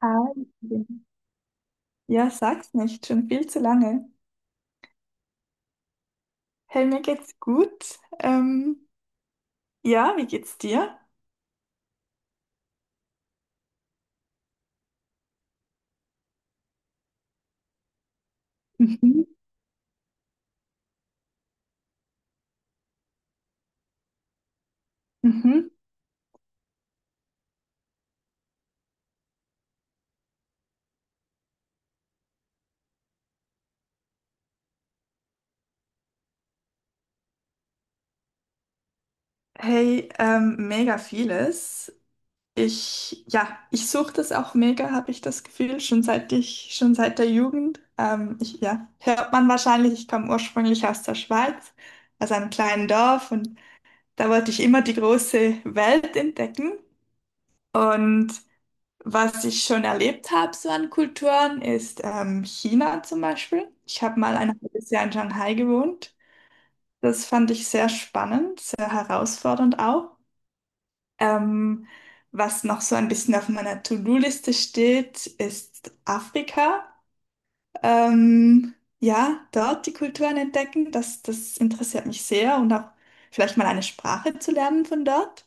Hi. Ja, Ja, sag's nicht, schon viel zu lange. Hey, mir geht's gut. Ja, wie geht's dir? Mhm. Mhm. Hey, mega vieles. Ich suche das auch mega, habe ich das Gefühl, schon seit der Jugend. Ja, hört man wahrscheinlich, ich komme ursprünglich aus der Schweiz, aus einem kleinen Dorf, und da wollte ich immer die große Welt entdecken. Und was ich schon erlebt habe, so an Kulturen, ist China zum Beispiel. Ich habe mal ein halbes Jahr in Shanghai gewohnt. Das fand ich sehr spannend, sehr herausfordernd auch. Ähm, was noch so ein bisschen auf meiner To-Do-Liste steht, ist Afrika. Ähm, ja, dort die Kulturen entdecken, das interessiert mich sehr, und auch vielleicht mal eine Sprache zu lernen von dort.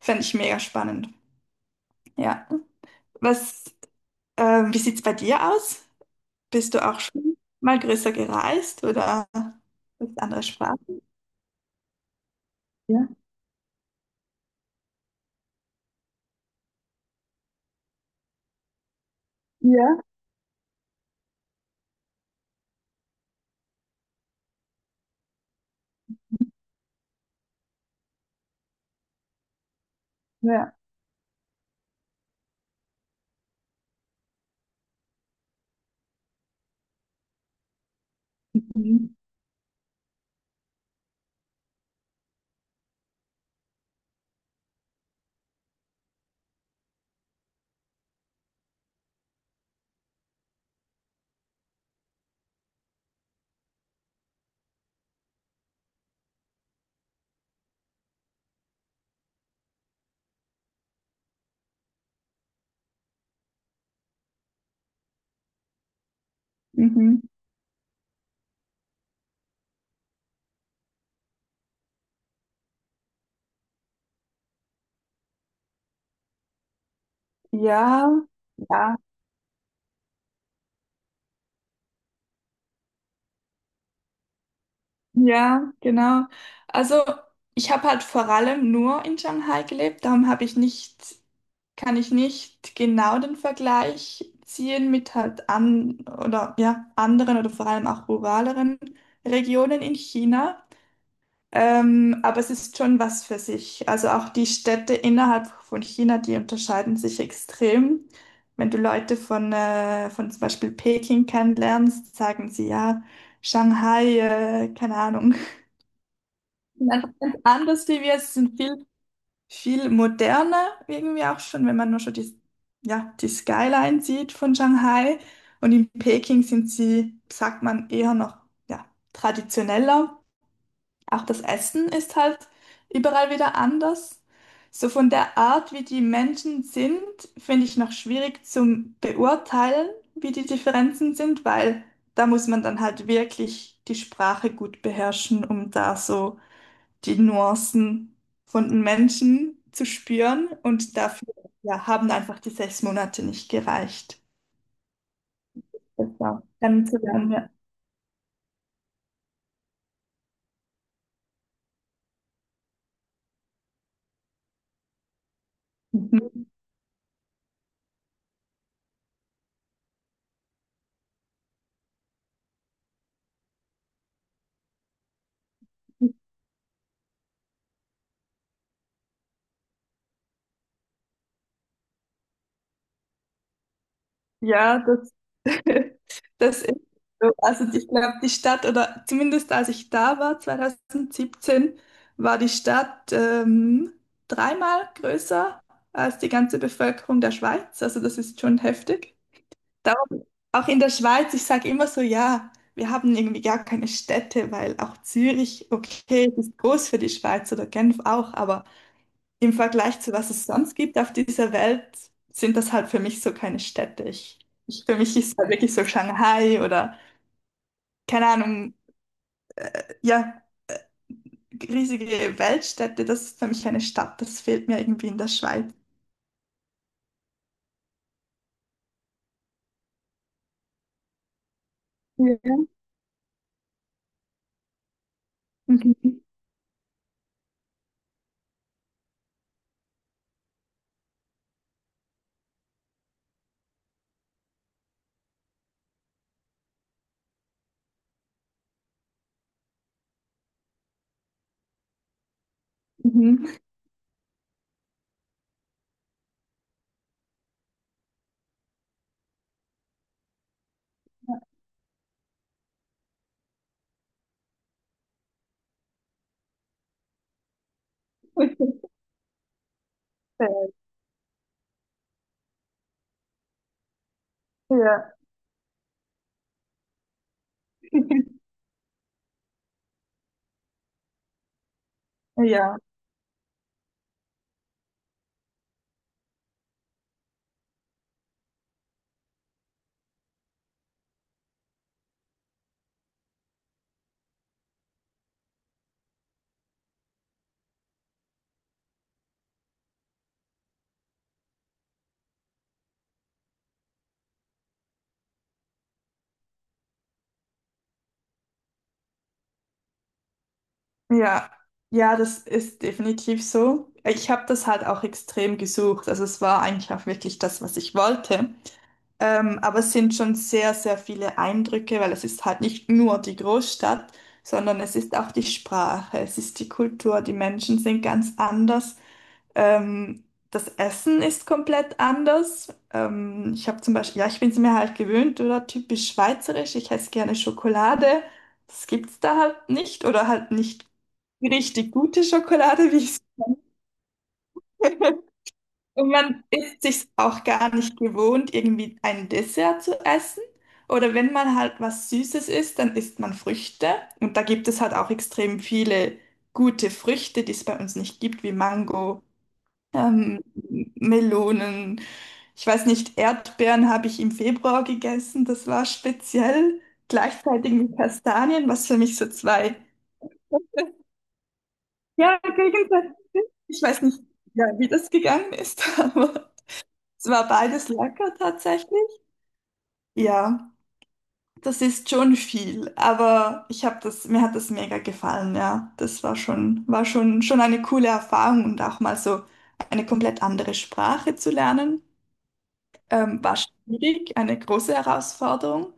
Fände ich mega spannend. Ja. Was, wie sieht's bei dir aus? Bist du auch schon mal größer gereist oder mit anderer Sprache? Ja, ja, ja. Mhm. Mhm. Ja, ja, ja, genau. Also ich habe halt vor allem nur in Shanghai gelebt, darum habe ich nicht, kann ich nicht genau den Vergleich ziehen mit halt an oder ja, anderen oder vor allem auch ruraleren Regionen in China. Aber es ist schon was für sich. Also auch die Städte innerhalb von China, die unterscheiden sich extrem. Wenn du Leute von zum Beispiel Peking kennenlernst, sagen sie ja, Shanghai, keine Ahnung. Sind einfach ganz anders wie wir. Es sind viel, viel moderner irgendwie auch schon, wenn man nur schon ja, die Skyline sieht von Shanghai. Und in Peking sind sie, sagt man, eher noch ja, traditioneller. Auch das Essen ist halt überall wieder anders. So von der Art, wie die Menschen sind, finde ich noch schwierig zum Beurteilen, wie die Differenzen sind, weil da muss man dann halt wirklich die Sprache gut beherrschen, um da so die Nuancen von den Menschen zu spüren. Und dafür, ja, haben einfach die 6 Monate nicht gereicht. Das war dann ja. Mhm. Ja, das, das ist so. Also ich glaube, die Stadt, oder zumindest als ich da war, 2017, war die Stadt 3-mal größer als die ganze Bevölkerung der Schweiz. Also das ist schon heftig. Darum, auch in der Schweiz, ich sage immer so, ja, wir haben irgendwie gar keine Städte, weil auch Zürich, okay, ist groß für die Schweiz oder Genf auch, aber im Vergleich zu was es sonst gibt auf dieser Welt, sind das halt für mich so keine Städte. Für mich ist halt wirklich so Shanghai oder, keine Ahnung, ja, riesige Weltstädte, das ist für mich keine Stadt. Das fehlt mir irgendwie in der Schweiz. Ja. Mhm. Mhm. Ja. Ja, ja, ja, das ist definitiv so. Ich habe das halt auch extrem gesucht. Also es war eigentlich auch wirklich das, was ich wollte. Aber es sind schon sehr, sehr viele Eindrücke, weil es ist halt nicht nur die Großstadt, sondern es ist auch die Sprache, es ist die Kultur, die Menschen sind ganz anders. Ähm, das Essen ist komplett anders. Ich habe zum Beispiel, ja, ich bin es mir halt gewöhnt, oder typisch schweizerisch, ich esse gerne Schokolade. Das gibt's da halt nicht, oder halt nicht richtig gute Schokolade, wie ich es. Und man ist sich auch gar nicht gewohnt, irgendwie ein Dessert zu essen. Oder wenn man halt was Süßes isst, dann isst man Früchte. Und da gibt es halt auch extrem viele gute Früchte, die es bei uns nicht gibt, wie Mango, ähm, Melonen. Ich weiß nicht, Erdbeeren habe ich im Februar gegessen, das war speziell. Gleichzeitig mit Kastanien, was für mich so zwei. Ja, gegenseitig. Ich weiß nicht, ja, wie das gegangen ist, aber. Es war beides lecker tatsächlich. Ja, das ist schon viel, aber ich habe das, mir hat das mega gefallen, ja. Das war schon, schon eine coole Erfahrung, und auch mal so eine komplett andere Sprache zu lernen, war schwierig, eine große Herausforderung.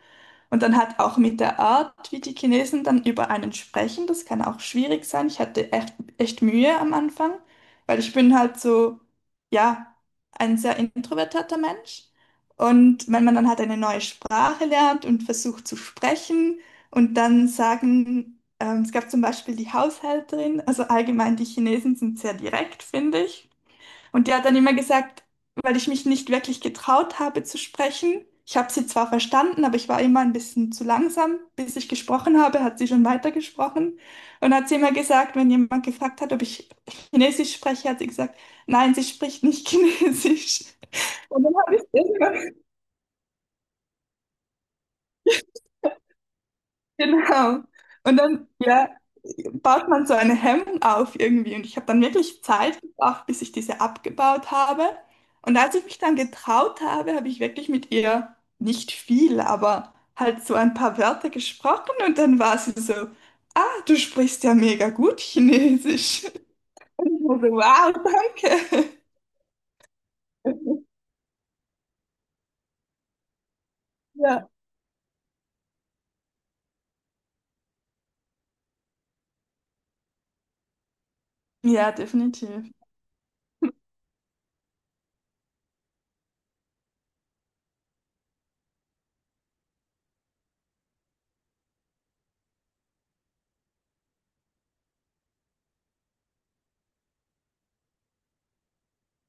Und dann hat auch mit der Art, wie die Chinesen dann über einen sprechen, das kann auch schwierig sein. Ich hatte echt, echt Mühe am Anfang, weil ich bin halt so, ja, ein sehr introvertierter Mensch. Und wenn man dann halt eine neue Sprache lernt und versucht zu sprechen und dann sagen, es gab zum Beispiel die Haushälterin, also allgemein die Chinesen sind sehr direkt, finde ich. Und die hat dann immer gesagt, weil ich mich nicht wirklich getraut habe zu sprechen. Ich habe sie zwar verstanden, aber ich war immer ein bisschen zu langsam. Bis ich gesprochen habe, hat sie schon weitergesprochen. Und hat sie immer gesagt, wenn jemand gefragt hat, ob ich Chinesisch spreche, hat sie gesagt, nein, sie spricht nicht Chinesisch. Und dann habe ich es irgendwann. Genau. Und dann, ja, baut man so eine Hemmung auf irgendwie. Und ich habe dann wirklich Zeit gebraucht, bis ich diese abgebaut habe. Und als ich mich dann getraut habe, habe ich wirklich mit ihr nicht viel, aber halt so ein paar Wörter gesprochen. Und dann war sie so, ah, du sprichst ja mega gut Chinesisch. Und ich war so, wow, danke. Ja. Ja, definitiv.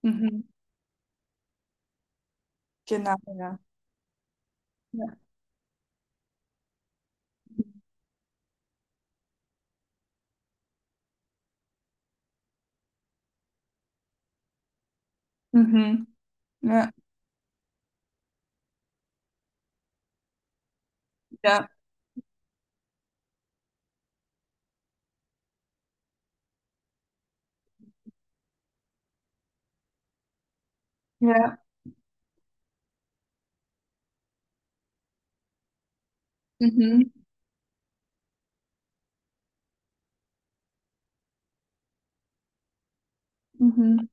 Mhm. Genau, ja. Ja. Mhm. Ja, ja, ja. Mhm. Mhm.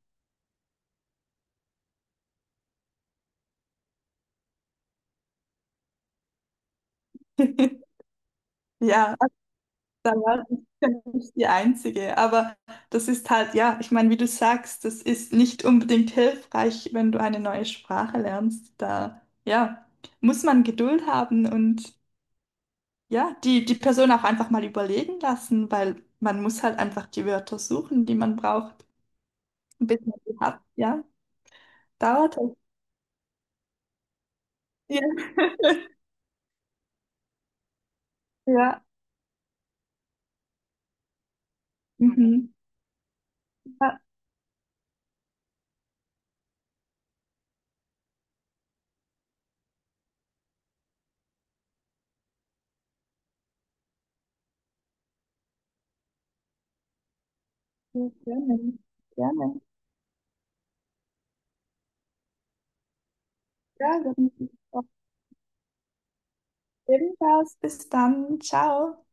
Ja, da war ich ja nicht die Einzige. Aber das ist halt, ja, ich meine, wie du sagst, das ist nicht unbedingt hilfreich, wenn du eine neue Sprache lernst. Da, ja, muss man Geduld haben und ja, die Person auch einfach mal überlegen lassen, weil man muss halt einfach die Wörter suchen, die man braucht, bis man sie hat. Ja, dauert halt. Ja, ja. Mhm. Ja, sehr gerne. Gerne. Ja, dann ebenfalls. Bis dann. Ciao.